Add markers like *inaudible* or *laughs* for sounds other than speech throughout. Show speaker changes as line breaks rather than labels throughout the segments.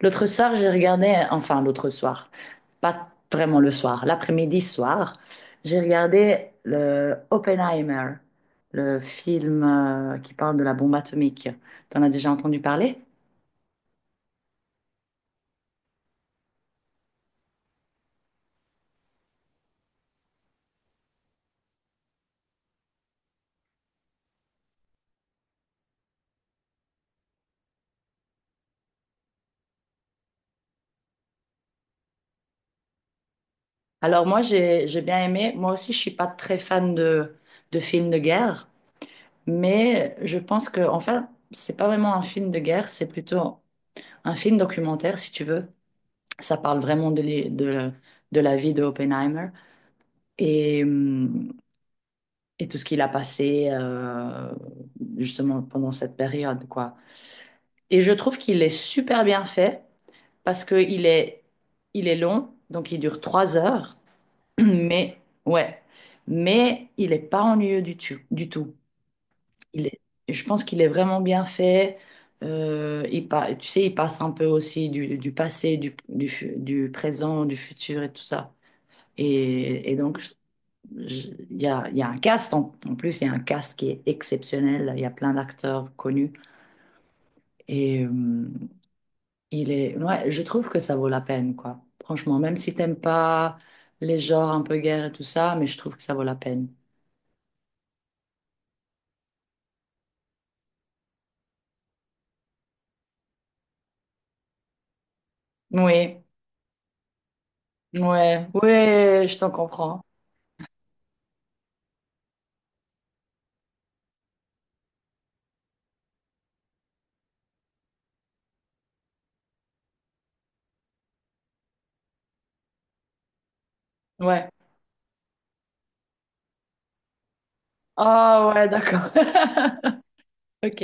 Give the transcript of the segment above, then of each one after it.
L'autre soir, j'ai regardé, enfin l'autre soir, pas vraiment le soir, l'après-midi soir, j'ai regardé le Oppenheimer, le film qui parle de la bombe atomique. T'en as déjà entendu parler? Alors moi, j'ai bien aimé. Moi aussi, je suis pas très fan de films de guerre, mais je pense que, enfin, c'est pas vraiment un film de guerre, c'est plutôt un film documentaire, si tu veux. Ça parle vraiment de, de la vie de Oppenheimer. Et hum, et tout ce qu'il a passé justement pendant cette période, quoi. Et je trouve qu'il est super bien fait parce que il est long, donc il dure 3 heures, *clears throat* mais ouais, mais il est pas ennuyeux du tout, du tout. Il est, je pense qu'il est vraiment bien fait. Tu sais, il passe un peu aussi du passé, du présent, du futur et tout ça. Et donc, il y a un cast, en plus, il y a un cast qui est exceptionnel. Il y a plein d'acteurs connus. Et il est, ouais, je trouve que ça vaut la peine, quoi. Franchement, même si t'aimes pas les genres un peu guerre et tout ça, mais je trouve que ça vaut la peine. Oui, ouais, ouais, je t'en comprends. Ouais. Ah ouais, d'accord. *laughs* Ok.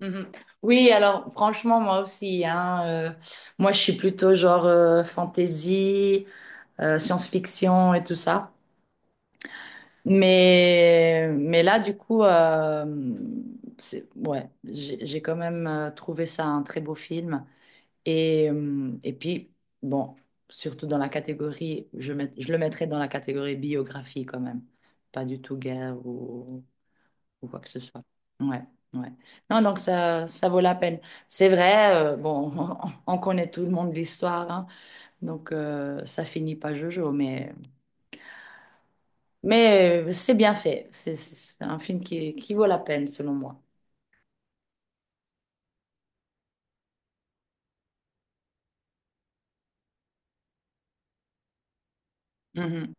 Mhm. Oui, alors franchement, moi aussi, hein, moi je suis plutôt genre fantasy, science-fiction et tout ça. Mais là, du coup, c'est, ouais, j'ai quand même trouvé ça un très beau film. Et puis, bon, surtout dans la catégorie, je le mettrais dans la catégorie biographie quand même. Pas du tout guerre ou quoi que ce soit. Ouais, ouais. Non, donc ça vaut la peine. C'est vrai, bon, *laughs* on, connaît tout le monde l'histoire, hein. Donc ça finit pas jojo, mais. Mais c'est bien fait. C'est un film qui vaut la peine, selon moi. Mhm.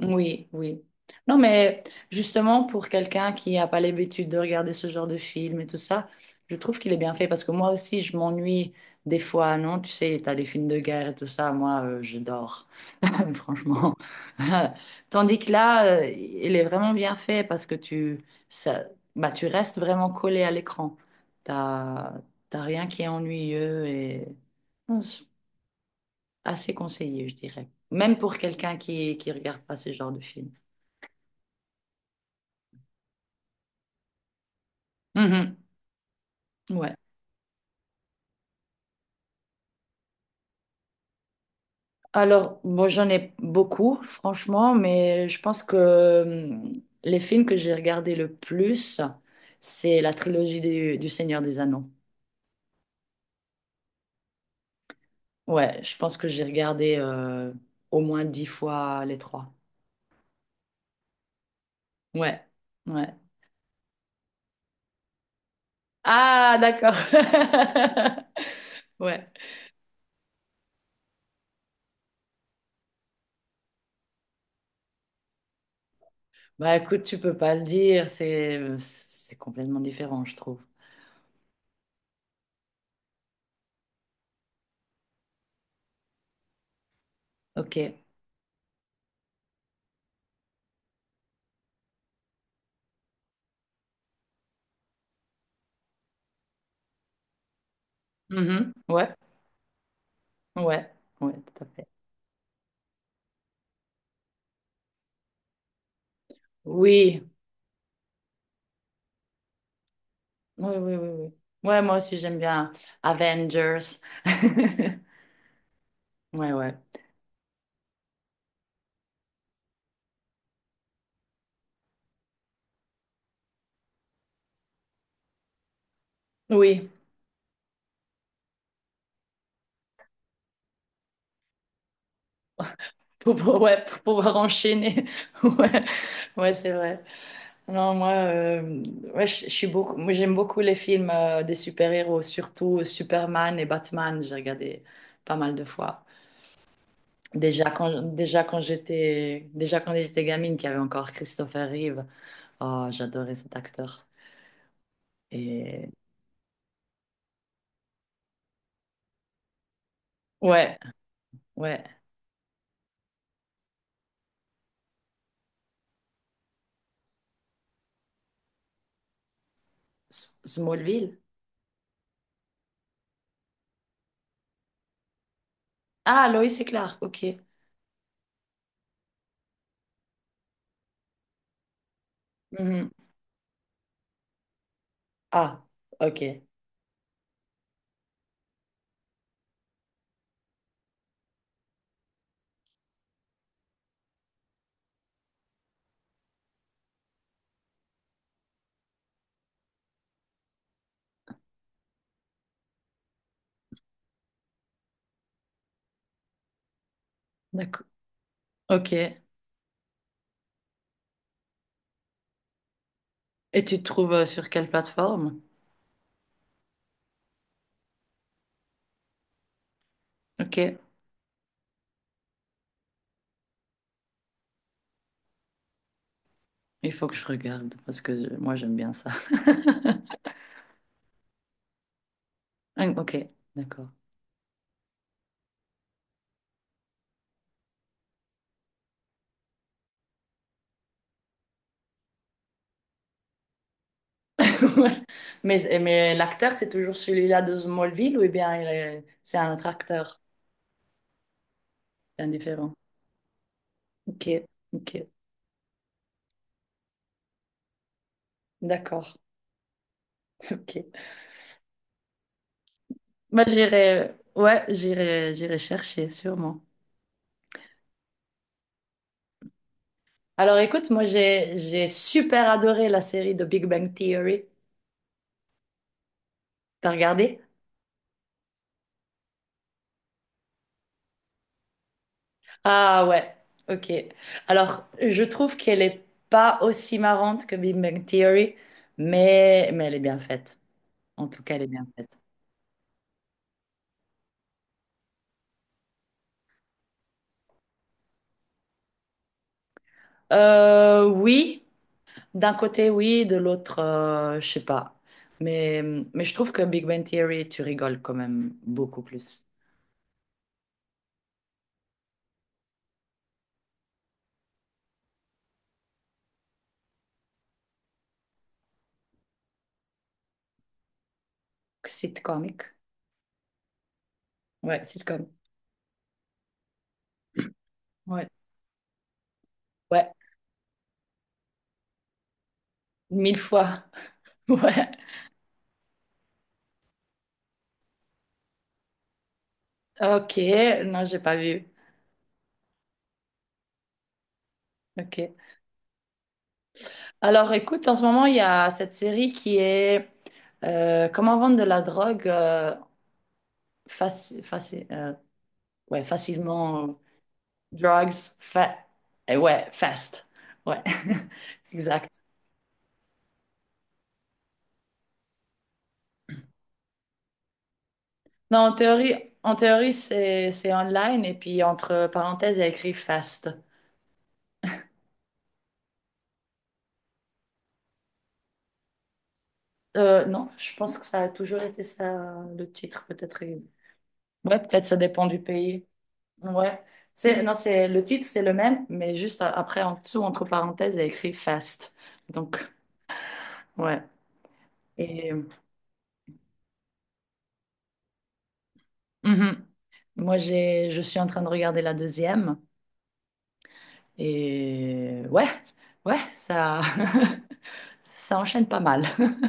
Oui, oui. Non, mais justement, pour quelqu'un qui n'a pas l'habitude de regarder ce genre de film et tout ça, je trouve qu'il est bien fait parce que moi aussi, je m'ennuie des fois, non? Tu sais, t'as les films de guerre et tout ça, moi, je dors, *laughs* franchement. *laughs* Tandis que là, il est vraiment bien fait parce que tu, ça, bah, tu restes vraiment collé à l'écran. T'as, T'as rien qui est ennuyeux et non, c'est assez conseillé, je dirais. Même pour quelqu'un qui regarde pas ce genre de film. Mhm. Ouais. Alors, bon, j'en ai beaucoup, franchement, mais je pense que les films que j'ai regardés le plus, c'est la trilogie du Seigneur des Anneaux. Ouais, je pense que j'ai regardé au moins 10 fois les trois. Ouais, ouais. Ah, d'accord. *laughs* Ouais. Bah écoute, tu peux pas le dire, c'est complètement différent, je trouve. Ok. Mhm. Ouais, ouais, ouais, tout à fait. Oui. Oui, oui, oui, oui. Ouais, moi aussi, j'aime bien Avengers. *laughs* Ouais, ouais. Oui, ouais, pour pouvoir enchaîner. *laughs* Ouais, ouais, c'est vrai. Non, moi, ouais, je suis beaucoup, moi, j'aime beaucoup les films des super-héros, surtout Superman et Batman. J'ai regardé pas mal de fois. Déjà quand j'étais gamine, qu'il y avait encore Christopher Reeve. Oh, j'adorais cet acteur. Et ouais, ouais. S- Smallville. Ah, Lois et Clark, ok. Mhm. Ah, ok. D'accord. Ok. Et tu te trouves sur quelle plateforme? Ok. Il faut que je regarde parce que moi j'aime bien ça. *laughs* Ah, Ok, d'accord. *laughs* Ouais. Mais l'acteur, c'est toujours celui-là de Smallville ou eh bien c'est un autre acteur? C'est indifférent. Ok, ok. D'accord. *laughs* Ok. Bah, j'irai, ouais, j'irai, j'irai chercher sûrement. Alors écoute, moi j'ai super adoré la série de Big Bang Theory. T'as regardé? Ah ouais, ok. Alors, je trouve qu'elle est pas aussi marrante que Big Bang Theory, mais elle est bien faite. En tout cas, elle est bien faite. Oui, d'un côté, oui, de l'autre, je sais pas. Mais, mais je trouve que Big Bang Theory, tu rigoles quand même beaucoup plus. Sitcomique. Ouais, sitcom. Ouais. Ouais, mille fois. *laughs* Ouais. Ok, non, j'ai pas vu. Ok. Alors écoute, en ce moment, il y a cette série qui est Comment vendre de la drogue faci- faci- euh, ouais, facilement. Drugs, fa eh ouais, fast. Ouais, *laughs* exact. Non, en théorie c'est online et puis entre parenthèses, il y a écrit fast. Non, je pense que ça a toujours été ça, le titre, peut-être. Ouais, peut-être ça dépend du pays. Ouais. C'est, non, c'est, le titre, c'est le même, mais juste après, en dessous, entre parenthèses, il y a écrit Fast. Donc, ouais. Et mhm. Moi, j'ai, je suis en train de regarder la deuxième. Et ouais, ouais, ça, *laughs* ça enchaîne pas mal. *laughs*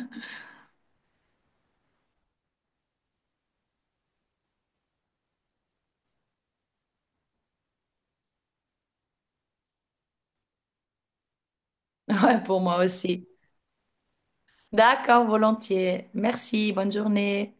Ouais, pour moi aussi. D'accord, volontiers. Merci, bonne journée.